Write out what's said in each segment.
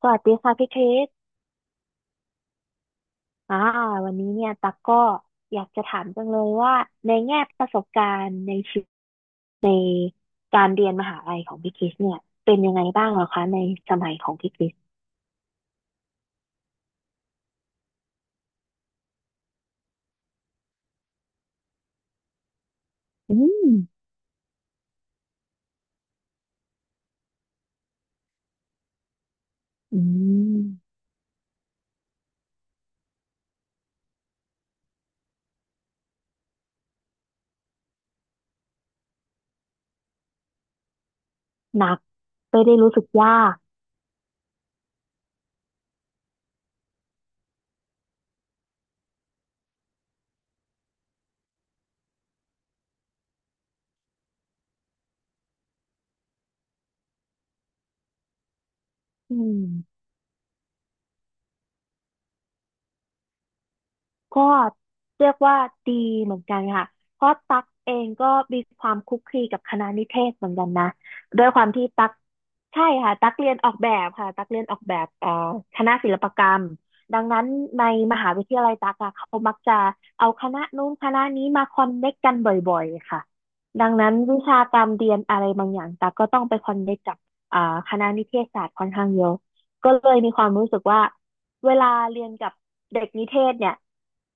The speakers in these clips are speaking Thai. สวัสดีค่ะพี่คริสอ่าวันนี้เนี่ยตักก็อยากจะถามจังเลยว่าในแง่ประสบการณ์ในชีวิตในการเรียนมหาลัยของพี่คริสเนี่ยเป็นยังไงบ้างเหรอคะในสมัยของพี่คริสอืมอืมหนักไม่ได้รู้สึกยากอืม ก็เรียกว่าดีเหมือนกันค่ะเพราะตักเองก็มีความคลุกคลีกับคณะนิเทศเหมือนกันนะด้วยความที่ตักใช่ค่ะตักเรียนออกแบบค่ะตักเรียนออกแบบคณะศิลปกรรม ดังนั้นในมหาวิทยาลัยตักอะเขามักจะเอาคณะนู้นคณะนี้มาคอนเนคกันบ่อยๆค่ะดังนั้นวิชาการเรียนอะไรบางอย่างตักก็ต้องไปคอนเนคกับอ่าคณะนิเทศศาสตร์ค่อนข้างเยอะก็เลยมีความรู้สึกว่า เวลาเรียนกับเด็กนิเทศเนี่ย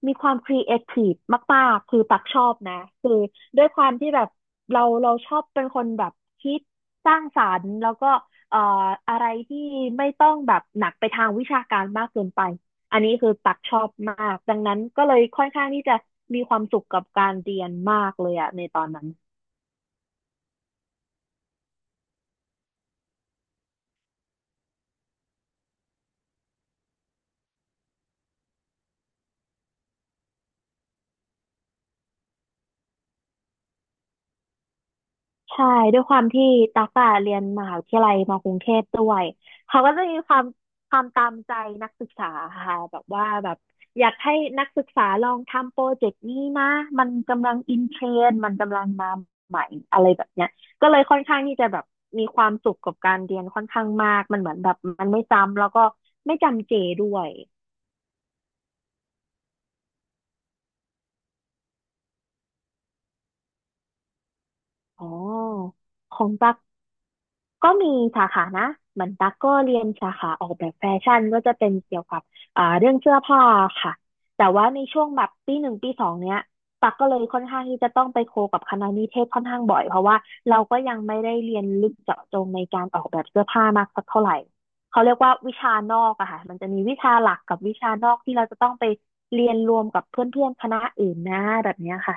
มีความครีเอทีฟมากๆคือปักชอบนะคือด้วยความที่แบบเราชอบเป็นคนแบบคิดสร้างสรรค์แล้วก็เอ่ออะไรที่ไม่ต้องแบบหนักไปทางวิชาการมากเกินไปอันนี้คือปักชอบมากดังนั้นก็เลยค่อนข้างที่จะมีความสุขกับการเรียนมากเลยอะในตอนนั้น ใช่ด้วยความที่ตั๊กอะเรียนมหาวิทยาลัยมากรุงเทพด้วยเขาก็จะมีความตามใจนักศึกษาค่ะแบบว่าแบบอยากให้นักศึกษาลองทำโปรเจกต์นี้นะมันกำลังอินเทรนด์มันกำลังมาใหม่อะไรแบบเนี้ยก็เลยค่อนข้างที่จะแบบมีความสุขกับการเรียนค่อนข้างมากมันเหมือนแบบมันไม่จำแล้วก็ไม่จำเจด้วยอ๋อของตั๊ก ก็มีสาขานะเหมือนตั๊กก็เรียนสาขาออกแบบแฟชั่นก็จะเป็นเกี่ยวกับเรื่องเสื้อผ้าค่ะแต่ว่าในช่วงแบบปีหนึ่งปีสองเนี้ยตั๊กก็เลยค่อนข้างที่จะต้องไปโคกับคณะนิเทศค่อนข้างบ่อยเพราะว่าเราก็ยังไม่ได้เรียนลึกเจาะจงในการออกแบบเสื้อผ้ามากสักเท่าไหร่เขาเรียกว่าวิชานอกอะค่ะมันจะมีวิชาหลักกับวิชานอกที่เราจะต้องไปเรียนรวมกับเพื่อนๆคณะอื่นนะแบบเนี้ยค่ะ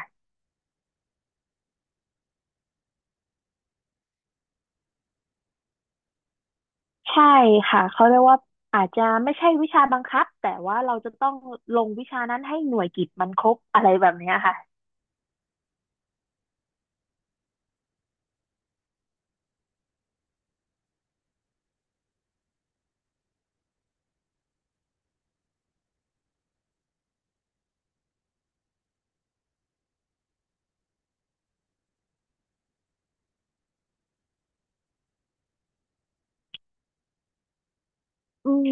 ใช่ค่ะเขาเรียกว่าอาจจะไม่ใช่วิชาบังคับแต่ว่าเราจะต้องลงวิชานั้นให้หน่วยกิตมันครบอะไรแบบเนี้ยค่ะอืม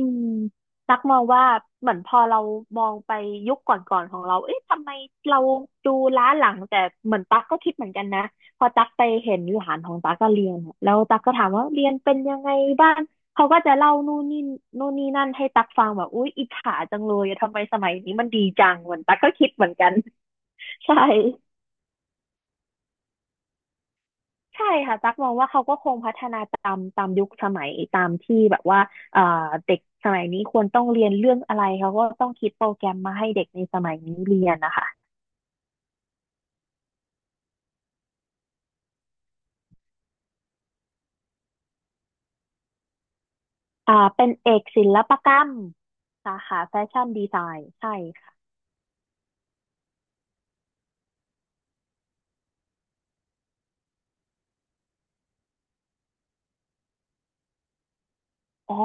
ตักมองว่าเหมือนพอเรามองไปยุคก่อนๆของเราเอ๊ะทำไมเราดูล้าหลังแต่เหมือนตักก็คิดเหมือนกันนะพอตักไปเห็นหลานของตักก็เรียนอะแล้วตักก็ถามว่าเรียนเป็นยังไงบ้างเขาก็จะเล่านู่นนี่นู่นนี่นั่นให้ตักฟังแบบอุ๊ยอิจฉาจังเลยทำไมสมัยนี้มันดีจังเหมือนตักก็คิดเหมือนกันใช่ ใช่ค่ะตั๊กมองว่าเขาก็คงพัฒนาตามยุคสมัยตามที่แบบว่าเอ่อเด็กสมัยนี้ควรต้องเรียนเรื่องอะไรเขาก็ต้องคิดโปรแกรมมาให้เด็กในสมัยนี้เรียนนะคะอ่าเป็นเอกศิลปกรรมสาขาแฟชั่นดีไซน์ใช่ค่ะอ๋อ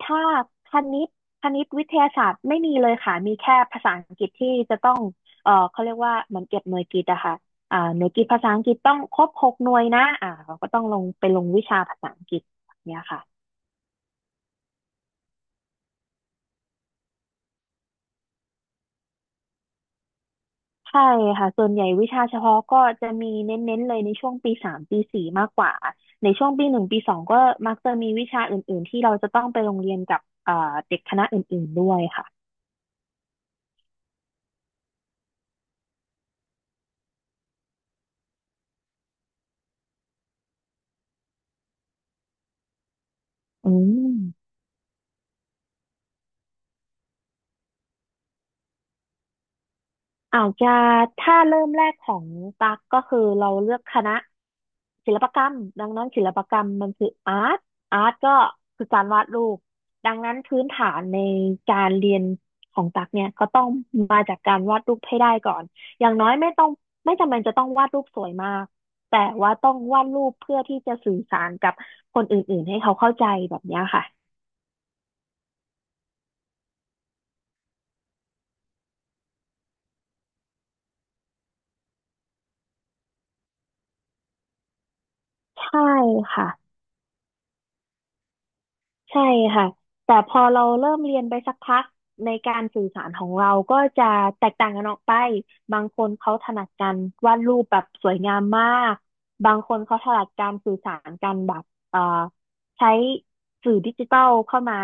ถ้าคณิตคณิตวิทยาศาสตร์ไม่มีเลยค่ะมีแค่ภาษาอังกฤษที่จะต้องเขาเรียกว่าเหมือนเก็บหน่วยกิตอะค่ะอ่าหน่วยกิตภาษาอังกฤษต้องครบ6หน่วยนะอ่าเราก็ต้องลงไปลงวิชาภาษาอังกฤษแบบเนี้ยค่ะ ใช่ค่ะส่วนใหญ่วิชาเฉพาะก็จะมีเน้นๆเลยในช่วงปีสามปีสี่มากกว่า ในช่วงปีหนึ่งปีสองก็มักจะมีวิชาอื่นๆที่เราจะต้องไปโรงเรียนกับเด็กคณะอื่นๆด้วยค่ะอืม อาจจะถ้าเริ่มแรกของตักก็คือเราเลือกคณะศิลปกรรมดังนั้นศิลปกรรมมันคืออาร์ตอาร์ตก็คือการวาดรูปดังนั้นพื้นฐานในการเรียนของตักเนี่ยก็ต้องมาจากการวาดรูปให้ได้ก่อนอย่างน้อยไม่ต้องไม่จำเป็นจะต้องวาดรูปสวยมากแต่ว่าต้องวาดรูปเพื่อที่จะสื่อสารกับคนอื่นๆให้เขาเข้าใจแบบเนี้ยค่ะใช่ค่ะ ใช่ค่ะแต่พอเราเริ่มเรียนไปสักพักในการสื่อสารของเราก็จะแตกต่างกันออกไปบางคนเขาถนัดการวาดรูปแบบสวยงามมากบางคนเขาถนัดการสื่อสารกันแบบเอ่อใช้สื่อดิจิทัลเข้ามา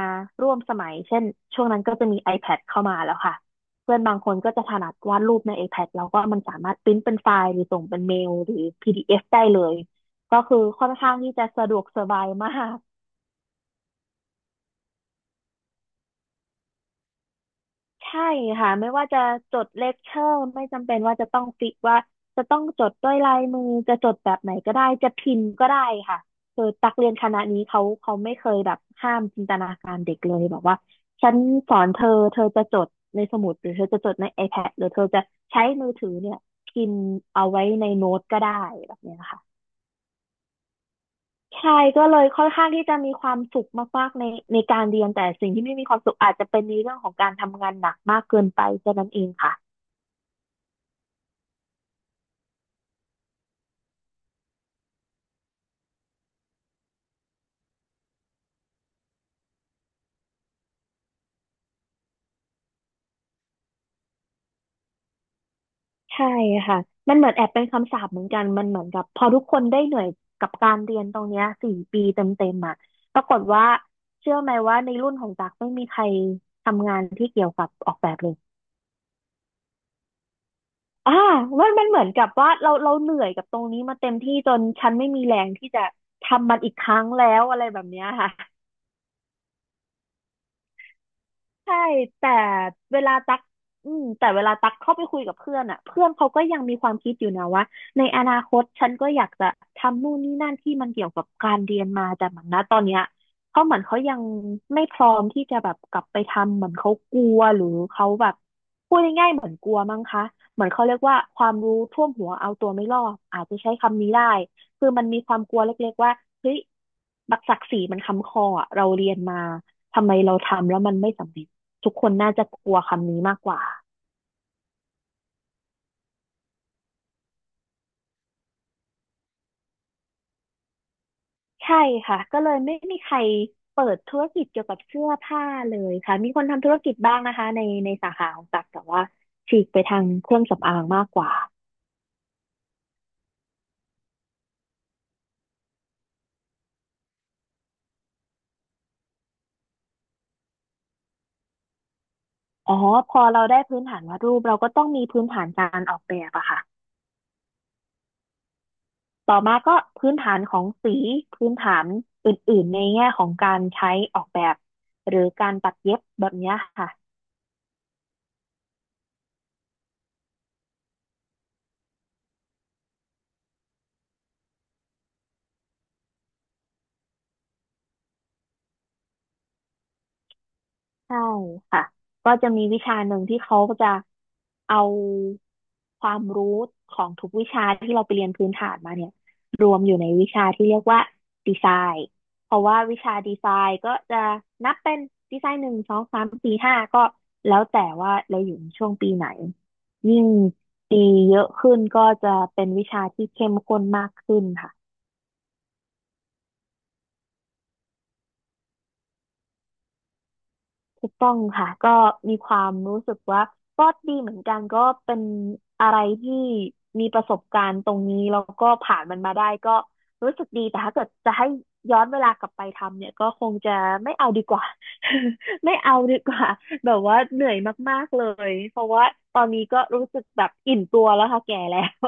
ร่วมสมัยเช่นช่วงนั้นก็จะมี iPad เข้ามาแล้วค่ะเพื่อนบางคนก็จะถนัดวาดรูปใน iPad แล้วก็มันสามารถพิมพ์เป็นไฟล์หรือส่งเป็นเมลหรือพีดีเอฟได้เลยก็คือค่อนข้างที่จะสะดวกสบายมาก ใช่ค่ะไม่ว่าจะจดเลคเชอร์ไม่จำเป็นว่าจะต้องฟิกว่าจะต้องจดด้วยลายมือจะจดแบบไหนก็ได้จะพิมพ์ก็ได้ค่ะคือตักเรียนคณะนี้เขาไม่เคยแบบห้ามจินตนาการเด็กเลยแบบว่าฉันสอนเธอเธอจะจดในสมุดหรือเธอจะจดใน iPad หรือเธอจะใช้มือถือเนี่ยพิมพ์เอาไว้ในโน้ตก็ได้แบบเนี้ยค่ะใช่ก็เลยค่อนข้างที่จะมีความสุขมากๆในการเรียนแต่สิ่งที่ไม่มีความสุขอาจจะเป็นในเรื่องของการทำงานหนักมากเกินไปแค่นั้นเองค่ะ ใช่ค่ะมันเหมือนแอบเป็นคำสาปเหมือนกันมันเหมือนกับพอทุกคนได้เหนื่อยกับการเรียนตรงเนี้ยสี่ปีเต็มๆอ่ะปรากฏว่าเชื่อไหมว่าในรุ่นของตักไม่มีใครทำงานที่เกี่ยวกับออกแบบเลยอ่ามันเหมือนกับว่าเราเหนื่อยกับตรงนี้มาเต็มที่จนฉันไม่มีแรงที่จะทำมันอีกครั้งแล้วอะไรแบบเนี้ยค่ะ ใช่แต่เวลาตักแต่เวลาตักเข้าไปคุยกับเพื่อนอ่ะเพื่อนเขาก็ยังมีความคิดอยู่นะว่าในอนาคตฉันก็อยากจะทำนู่นนี่นั่นที่มันเกี่ยวกับการเรียนมาแต่เหมือนนะตอนเนี้ยเขาเหมือนเขายังไม่พร้อมที่จะแบบกลับไปทำเหมือนเขากลัวหรือเขาแบบพูดง่ายๆเหมือนกลัวมั้งคะเหมือนเขาเรียกว่าความรู้ท่วมหัวเอาตัวไม่รอดอาจจะใช้คำนี้ได้คือมันมีความกลัวเล็กๆว่าเฮ้ยบักศักดิ์ศรีมันค้ำคออะเราเรียนมาทำไมเราทำแล้วมันไม่สำเร็จ ทุกคนน่าจะกลัวคำนี้มากกว่าใช่ค่ะก็เลยไม่มีใครเปิดธุรกิจเกี่ยวกับเสื้อผ้าเลยค่ะมีคนทำธุรกิจบ้างนะคะในสาขาของตักแต่ว่าฉีกไปทางเครื่องสำอางมากกว่าอ๋อพอเราได้พื้นฐานวาดรูปเราก็ต้องมีพื้นฐานการออกแบบอะค่ะต่อมาก็พื้นฐานของสีพื้นฐานอื่นๆในแง่ของการใช้ออกแบบหรือการตัดเย็บแบบเนี้ยค่ะ ใช่ค่ะ ก็จะมีวิชาหนึ่งที่เขาก็จะเอาความรู้ของทุกวิชาที่เราไปเรียนพื้นฐานมาเนี่ยอยู่ในวิชาที่เรียกว่าดีไซน์เพราะว่าวิชาดีไซน์ก็จะนับเป็นดีไซน์หนึ่งสองสามสี่ห้าก็แล้วแต่ว่าเราอยู่ในช่วงปีไหนยิ่งปีเยอะขึ้นก็จะเป็นวิชาที่เข้มข้นมากขึ้นค่ะ ถูกต้องค่ะก็มีความรู้สึกว่าก็ดีเหมือนกันก็เป็นอะไรที่มีประสบการณ์ตรงนี้แล้วก็ผ่านมันมาได้ก็รู้สึกดีแต่ถ้าเกิดจะให้ย้อนเวลากลับไปทำเนี่ยก็คงจะไม่เอาดีกว่า ไม่เอาดีกว่าแบบว่าเหนื่อยมากๆเลยเพราะว่าตอนนี้ก็รู้สึกแบบอิ่มตัวแล้วค่ะแก่แล้ว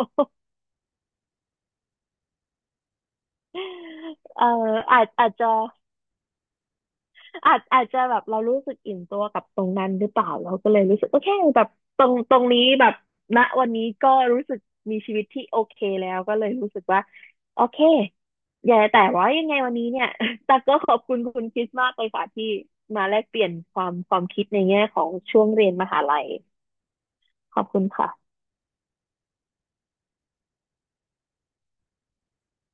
เอ่ออาจจะ อาจจะแบบเรารู้สึกอิ่มตัวกับตรงนั้นหรือเปล่าเราก็เลยรู้สึกโอเคแบบตรงนี้แบบณวันนี้ก็รู้สึกมีชีวิตที่โอเคแล้วก็เลยรู้สึกว่าโอเคอย่าแต่ว่ายังไงวันนี้เนี่ย ตักก็ขอบคุณคุณคริสมากเลยค่ะที่มาแลกเปลี่ยนความคิดในแง่ของช่วงเรียนมหาลัยขอบคุณค่ะ